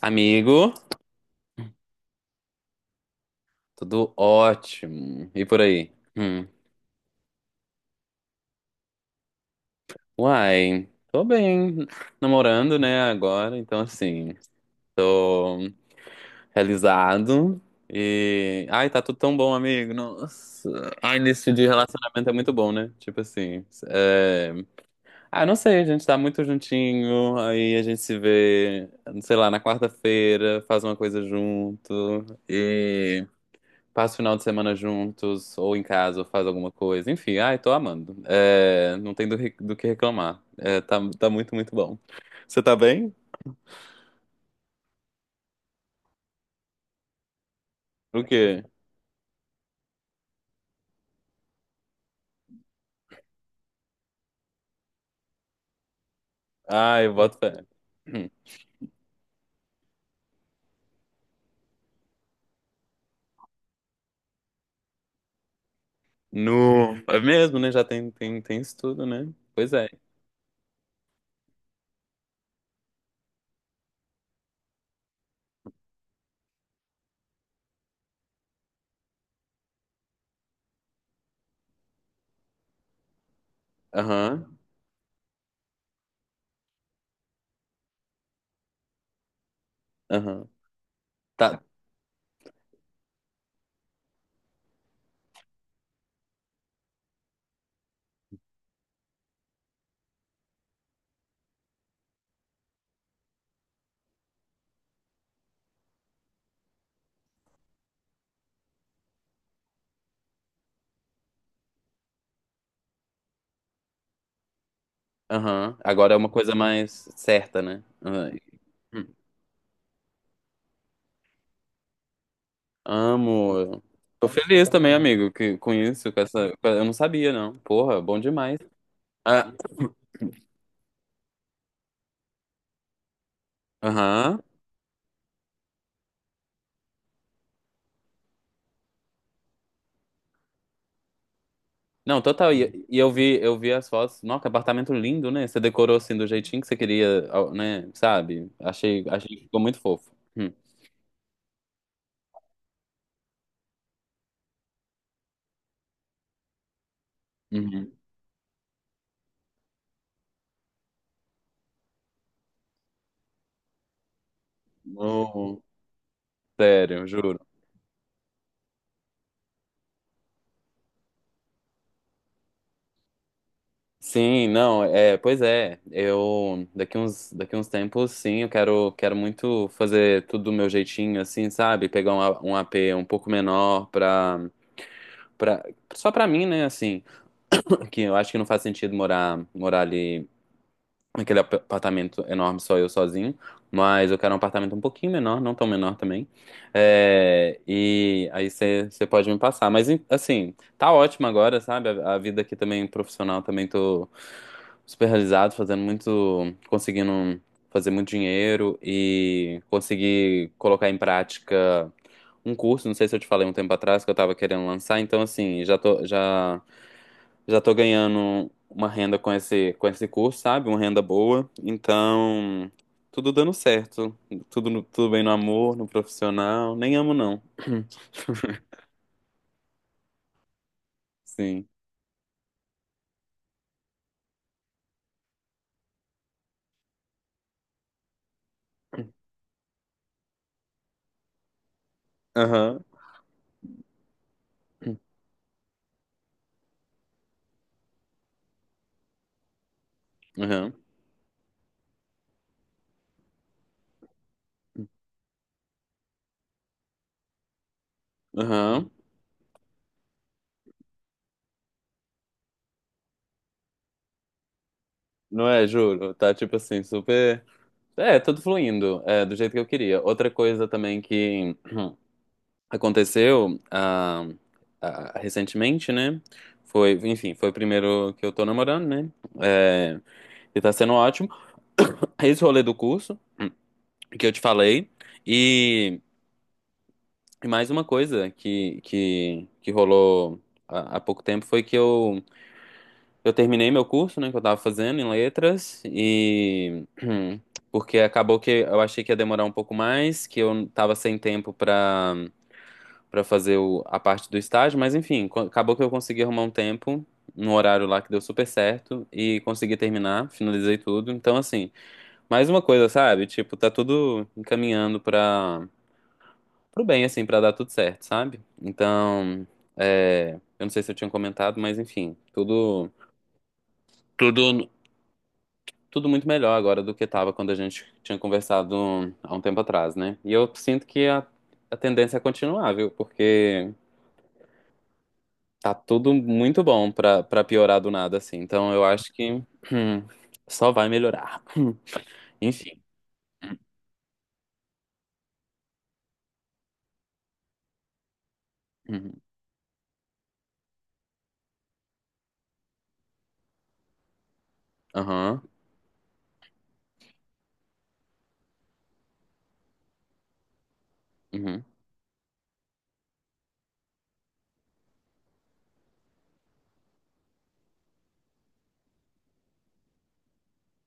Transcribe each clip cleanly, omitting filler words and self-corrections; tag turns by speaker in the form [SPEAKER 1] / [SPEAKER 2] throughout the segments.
[SPEAKER 1] Amigo, tudo ótimo. E por aí? Hum. Uai, tô bem. Namorando, né, agora, então assim, tô realizado. E. Ai, tá tudo tão bom, amigo. Nossa. Ai, início de relacionamento é muito bom, né? Tipo assim. É. Ah, não sei, a gente tá muito juntinho, aí a gente se vê, sei lá, na quarta-feira, faz uma coisa junto. Passa o final de semana juntos, ou em casa, ou faz alguma coisa. Enfim, ai, tô amando. É, não tem do que reclamar. É, tá muito, muito bom. Você tá bem? O quê? Ai, eu boto fé. Hum. No. É mesmo, né? Já tem isso tudo, né? Pois é. Aham, aham. Tá. Aham. Agora é uma coisa mais certa, né? Aham. Hum. Amo. Tô feliz também, amigo, que, com isso, com essa. Eu não sabia, não. Porra, bom demais. Ah. Aham. Não, total. E eu vi as fotos. Nossa, que apartamento lindo, né? Você decorou assim do jeitinho que você queria, né? Sabe? Achei que ficou muito fofo. Hum. Uhum. Não, sério, juro. Sim, não, é, pois é. Eu daqui uns tempos, sim, eu quero muito fazer tudo do meu jeitinho, assim, sabe? Pegar um AP um pouco menor pra, só pra mim, né? Assim, que eu acho que não faz sentido morar ali. Aquele apartamento enorme só eu sozinho, mas eu quero um apartamento um pouquinho menor, não tão menor também. É, e aí você pode me passar. Mas assim, tá ótimo agora, sabe? A vida aqui também profissional também tô super realizado, fazendo muito, conseguindo fazer muito dinheiro e conseguir colocar em prática um curso, não sei se eu te falei um tempo atrás que eu tava querendo lançar, então assim, já tô ganhando uma renda com esse curso, sabe? Uma renda boa. Então, tudo dando certo. Tudo, tudo bem no amor, no profissional. Nem amo, não. Sim. Aham. Aham. Aham. Não é, juro. Tá tipo assim, super. É, tudo fluindo, é, do jeito que eu queria. Outra coisa também que aconteceu recentemente, né? Foi, enfim, foi o primeiro que eu tô namorando, né? É, e tá sendo ótimo. Esse rolê do curso que eu te falei. E, e mais uma coisa que rolou há pouco tempo foi que eu terminei meu curso, né, que eu tava fazendo em letras, e porque acabou que eu achei que ia demorar um pouco mais, que eu tava sem tempo para fazer a parte do estágio, mas enfim, acabou que eu consegui arrumar um tempo num horário lá que deu super certo e consegui terminar, finalizei tudo. Então, assim, mais uma coisa, sabe? Tipo, tá tudo encaminhando pra pro bem, assim, pra dar tudo certo, sabe? Então, é, eu não sei se eu tinha comentado, mas enfim, tudo, tudo, tudo muito melhor agora do que tava quando a gente tinha conversado há um tempo atrás, né? E eu sinto que a tendência é continuar, viu? Porque tá tudo muito bom pra piorar do nada, assim. Então, eu acho que hum, só vai melhorar. Enfim. Uhum. Aham. Uhum.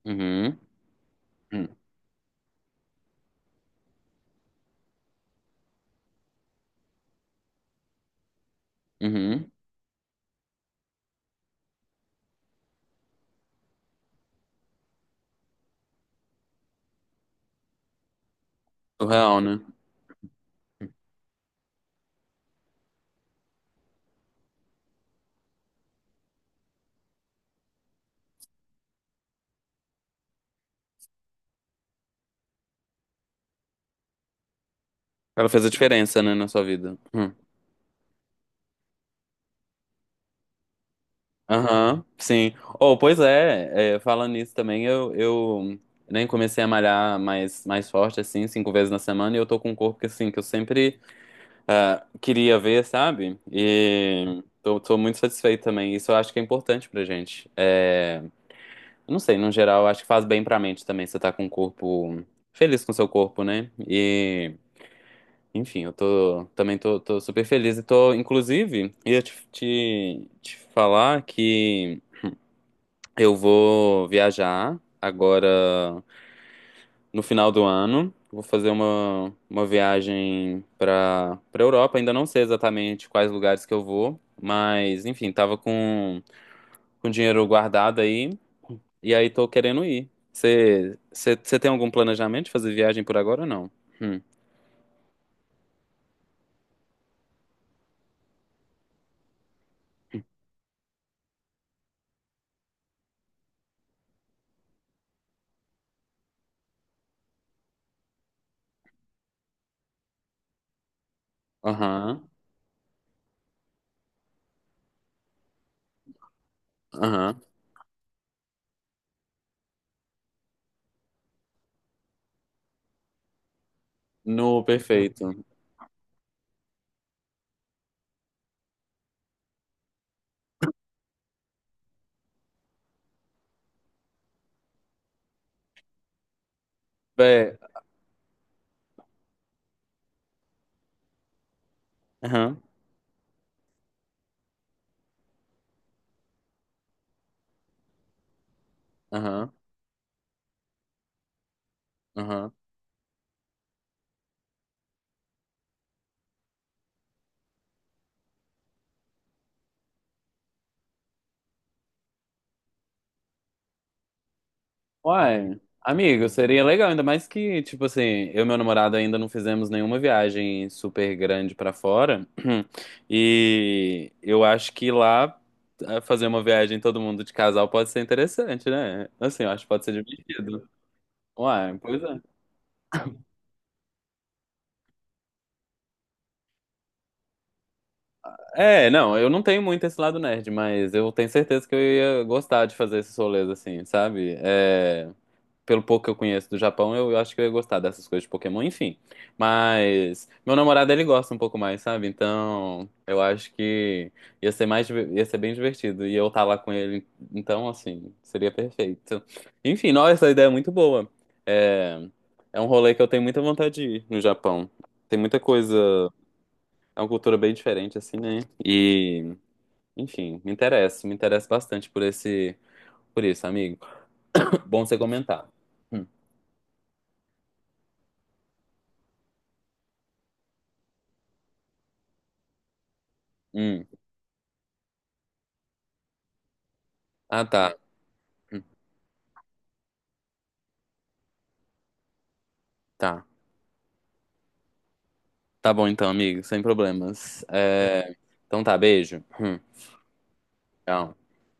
[SPEAKER 1] Uhum. Uhum. Uhum. Real, né? Ela fez a diferença, né, na sua vida. Hum. Aham, sim. Oh, pois é, falando nisso também, eu nem comecei a malhar mais forte, assim, cinco vezes na semana, e eu tô com um corpo que, assim, que eu sempre queria ver, sabe? E tô muito satisfeito também. Isso eu acho que é importante pra gente. É, eu não sei, no geral, eu acho que faz bem pra mente também, você tá com um corpo feliz com o seu corpo, né? E, enfim, eu tô, também tô super feliz e tô, inclusive, ia te falar que. Eu vou viajar agora no final do ano. Vou fazer uma viagem para Europa. Ainda não sei exatamente quais lugares que eu vou, mas enfim, tava com dinheiro guardado aí e aí tô querendo ir. Você tem algum planejamento de fazer viagem por agora ou não? Hum. Aham, aham. No perfeito. Bé, aham, aham, aham. Uai, amigo, seria legal, ainda mais que, tipo assim, eu e meu namorado ainda não fizemos nenhuma viagem super grande pra fora. E eu acho que lá fazer uma viagem todo mundo de casal pode ser interessante, né? Assim, eu acho que pode ser divertido. Uai, pois é. É, não, eu não tenho muito esse lado nerd, mas eu tenho certeza que eu ia gostar de fazer esses rolês assim, sabe? É, pelo pouco que eu conheço do Japão, eu acho que eu ia gostar dessas coisas de Pokémon, enfim. Mas meu namorado, ele gosta um pouco mais, sabe? Então, eu acho que ia ser ia ser bem divertido. E eu estar lá com ele, então, assim, seria perfeito. Enfim, nossa, essa ideia é muito boa. É, é um rolê que eu tenho muita vontade de ir no Japão. Tem muita coisa, é uma cultura bem diferente, assim, né? E, enfim, me interessa bastante por isso, amigo. Bom você comentar. Hum, hum. Ah, tá. Tá. Tá bom então, amigo, sem problemas. É, então tá, beijo. Hum. Tchau.